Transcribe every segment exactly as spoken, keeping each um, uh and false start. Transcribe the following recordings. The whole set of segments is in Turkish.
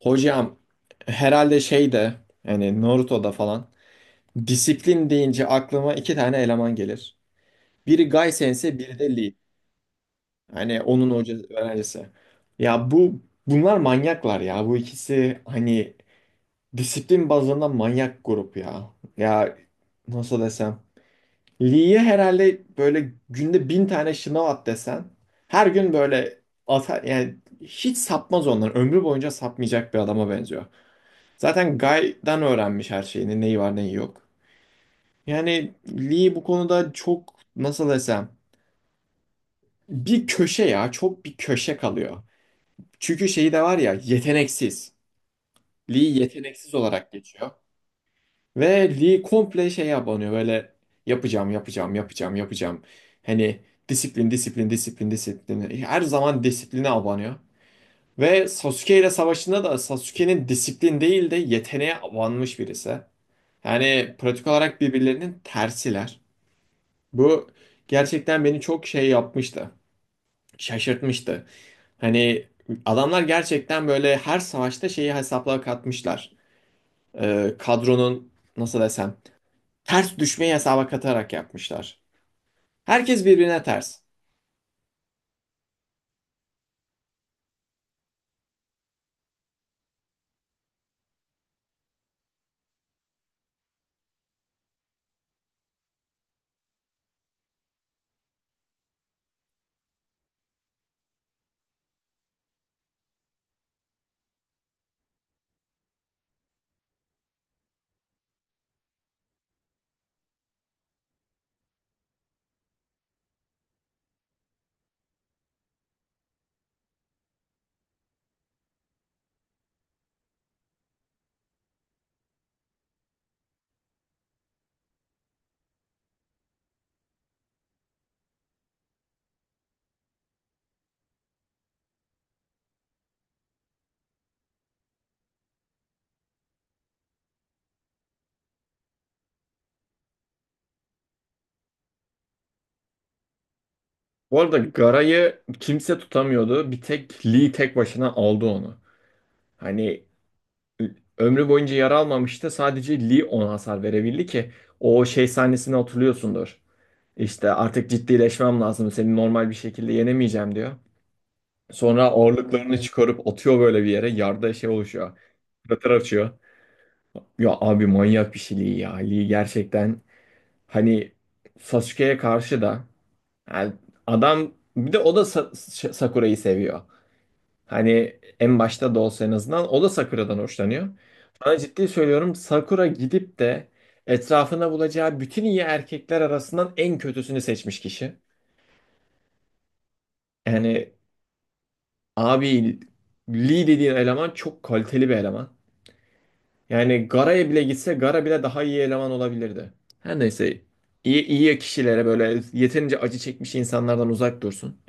Hocam herhalde şeyde yani Naruto'da falan disiplin deyince aklıma iki tane eleman gelir. Biri Gai Sensei, biri de Lee. Hani onun hoca öğrencisi. Ya bu bunlar manyaklar ya. Bu ikisi hani disiplin bazında manyak grup ya. Ya, nasıl desem. Lee'ye herhalde böyle günde bin tane şınav at desen her gün böyle atar yani hiç sapmaz onlar. Ömrü boyunca sapmayacak bir adama benziyor. Zaten Guy'dan öğrenmiş her şeyini. Neyi var neyi yok. Yani Lee bu konuda çok, nasıl desem, bir köşe ya, çok bir köşe kalıyor. Çünkü şeyi de var ya, yeteneksiz. Lee yeteneksiz olarak geçiyor. Ve Lee komple şeye abanıyor böyle: yapacağım, yapacağım, yapacağım, yapacağım. Hani disiplin, disiplin, disiplin, disiplin. Her zaman disipline abanıyor. Ve Sasuke ile savaşında da Sasuke'nin disiplin değil de yeteneğe abanmış birisi. Yani pratik olarak birbirlerinin tersiler. Bu gerçekten beni çok şey yapmıştı. Şaşırtmıştı. Hani adamlar gerçekten böyle her savaşta şeyi hesapla katmışlar. Ee, kadronun, nasıl desem, ters düşmeyi hesaba katarak yapmışlar. Herkes birbirine ters. Bu arada Gara'yı kimse tutamıyordu. Bir tek Lee tek başına aldı onu. Hani ömrü boyunca yara almamıştı. Sadece Lee ona hasar verebildi ki o şey sahnesini hatırlıyorsundur. İşte artık ciddileşmem lazım. Seni normal bir şekilde yenemeyeceğim, diyor. Sonra ağırlıklarını çıkarıp atıyor böyle bir yere. Yarda şey oluşuyor. Krater açıyor. Ya abi, manyak bir şey Lee ya. Lee gerçekten, hani, Sasuke'ye karşı da, yani adam bir de o da Sa- Sa- Sakura'yı seviyor. Hani en başta da olsa en azından o da Sakura'dan hoşlanıyor. Sana ciddi söylüyorum, Sakura gidip de etrafına bulacağı bütün iyi erkekler arasından en kötüsünü seçmiş kişi. Yani abi, Lee dediğin eleman çok kaliteli bir eleman. Yani Gara'ya bile gitse Gara bile daha iyi eleman olabilirdi. Her neyse, iyi, iyi kişilere böyle yeterince acı çekmiş insanlardan uzak dursun.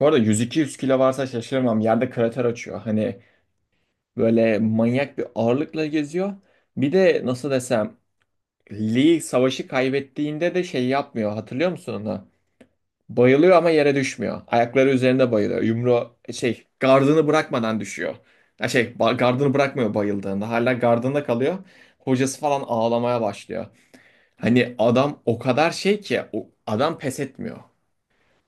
Bu arada yüz iki yüz kilo varsa şaşırmam. Yerde krater açıyor. Hani böyle manyak bir ağırlıkla geziyor. Bir de nasıl desem, Lee savaşı kaybettiğinde de şey yapmıyor. Hatırlıyor musun onu? Bayılıyor ama yere düşmüyor. Ayakları üzerinde bayılıyor. Yumru şey, gardını bırakmadan düşüyor. Ya şey, ba- gardını bırakmıyor bayıldığında. Hala gardında kalıyor. Hocası falan ağlamaya başlıyor. Hani adam o kadar şey ki, o adam pes etmiyor.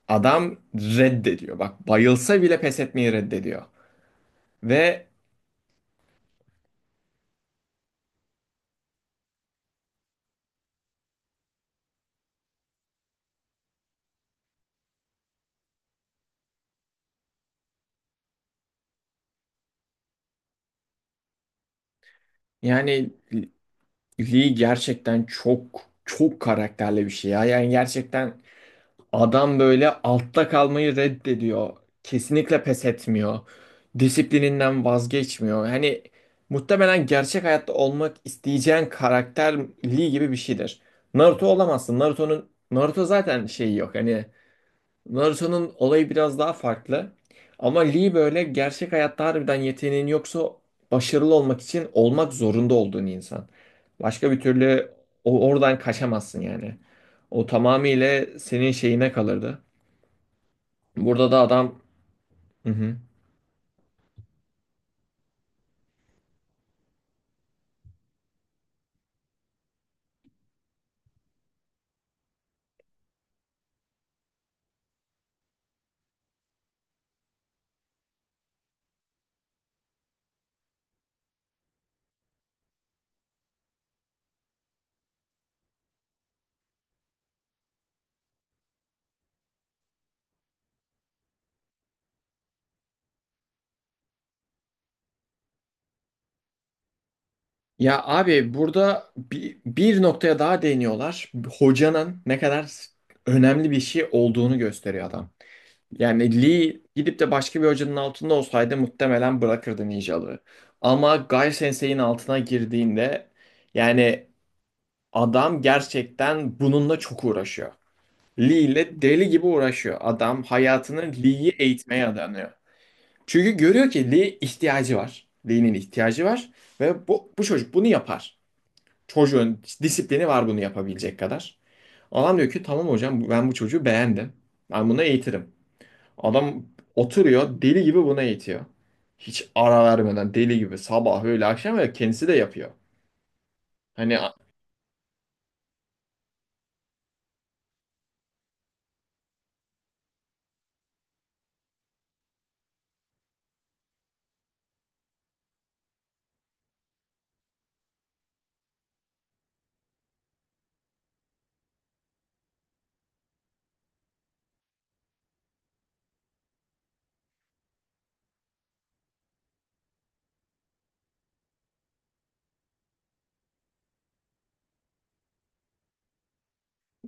Adam reddediyor. Bak, bayılsa bile pes etmeyi reddediyor. Ve yani Lee gerçekten çok çok karakterli bir şey ya. Yani gerçekten adam böyle altta kalmayı reddediyor. Kesinlikle pes etmiyor. Disiplininden vazgeçmiyor. Hani muhtemelen gerçek hayatta olmak isteyeceğin karakterliği gibi bir şeydir. Naruto olamazsın. Naruto'nun, Naruto zaten şeyi yok. Hani Naruto'nun olayı biraz daha farklı. Ama Lee böyle gerçek hayatta harbiden yeteneğin yoksa başarılı olmak için olmak zorunda olduğun insan. Başka bir türlü o oradan kaçamazsın yani. O tamamıyla senin şeyine kalırdı. Burada da adam... Hı hı. Ya abi, burada bir, bir noktaya daha değiniyorlar. Hocanın ne kadar önemli bir şey olduğunu gösteriyor adam. Yani Lee gidip de başka bir hocanın altında olsaydı muhtemelen bırakırdı ninjalığı. Ama Guy Sensei'nin altına girdiğinde, yani adam gerçekten bununla çok uğraşıyor. Lee ile deli gibi uğraşıyor. Adam hayatını Lee'yi eğitmeye adanıyor. Çünkü görüyor ki Lee ihtiyacı var. Lee'nin ihtiyacı var ve bu, bu çocuk bunu yapar. Çocuğun disiplini var bunu yapabilecek kadar. Adam diyor ki, tamam hocam, ben bu çocuğu beğendim. Ben bunu eğitirim. Adam oturuyor, deli gibi buna eğitiyor. Hiç ara vermeden deli gibi sabah öğle akşam, ve kendisi de yapıyor. Hani a-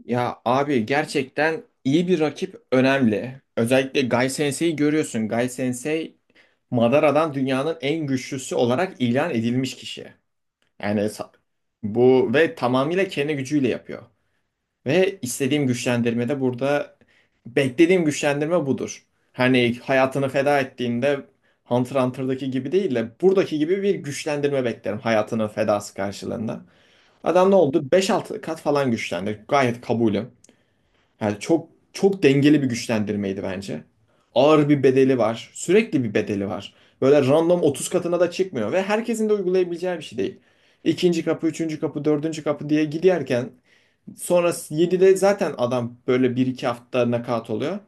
ya abi, gerçekten iyi bir rakip önemli. Özellikle Gai Sensei'yi görüyorsun. Gai Sensei Madara'dan dünyanın en güçlüsü olarak ilan edilmiş kişi. Yani sa- bu ve tamamıyla kendi gücüyle yapıyor. Ve istediğim güçlendirme de burada, beklediğim güçlendirme budur. Hani hayatını feda ettiğinde Hunter x Hunter'daki gibi değil de buradaki gibi bir güçlendirme beklerim hayatının fedası karşılığında. Adam ne oldu? Beş altı kat falan güçlendi. Gayet kabulüm. Yani çok çok dengeli bir güçlendirmeydi bence. Ağır bir bedeli var. Sürekli bir bedeli var. Böyle random otuz katına da çıkmıyor ve herkesin de uygulayabileceği bir şey değil. İkinci kapı, üçüncü kapı, dördüncü kapı diye giderken, sonra yedide zaten adam böyle bir iki hafta nakavt oluyor.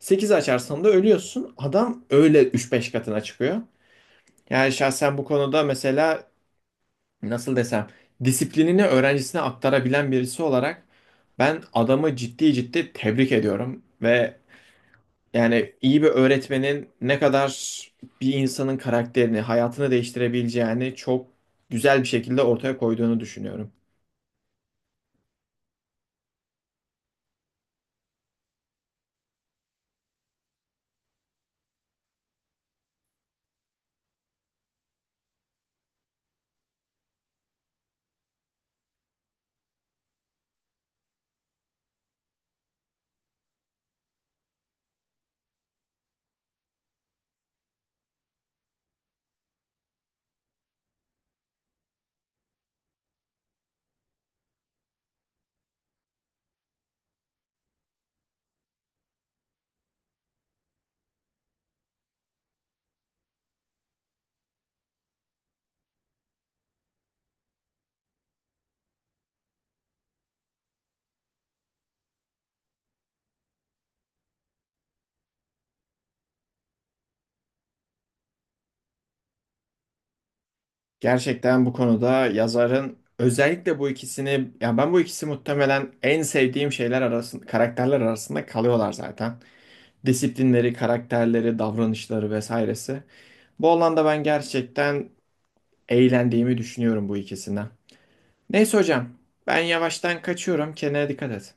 Sekiz açarsan da ölüyorsun. Adam öyle üç beş katına çıkıyor. Yani şahsen bu konuda, mesela, nasıl desem, disiplinini öğrencisine aktarabilen birisi olarak ben adamı ciddi ciddi tebrik ediyorum ve yani iyi bir öğretmenin ne kadar bir insanın karakterini, hayatını değiştirebileceğini çok güzel bir şekilde ortaya koyduğunu düşünüyorum. Gerçekten bu konuda yazarın özellikle bu ikisini, ya ben bu ikisi muhtemelen en sevdiğim şeyler arasında, karakterler arasında kalıyorlar zaten. Disiplinleri, karakterleri, davranışları vesairesi. Bu alanda ben gerçekten eğlendiğimi düşünüyorum bu ikisinden. Neyse hocam, ben yavaştan kaçıyorum. Kendine dikkat et.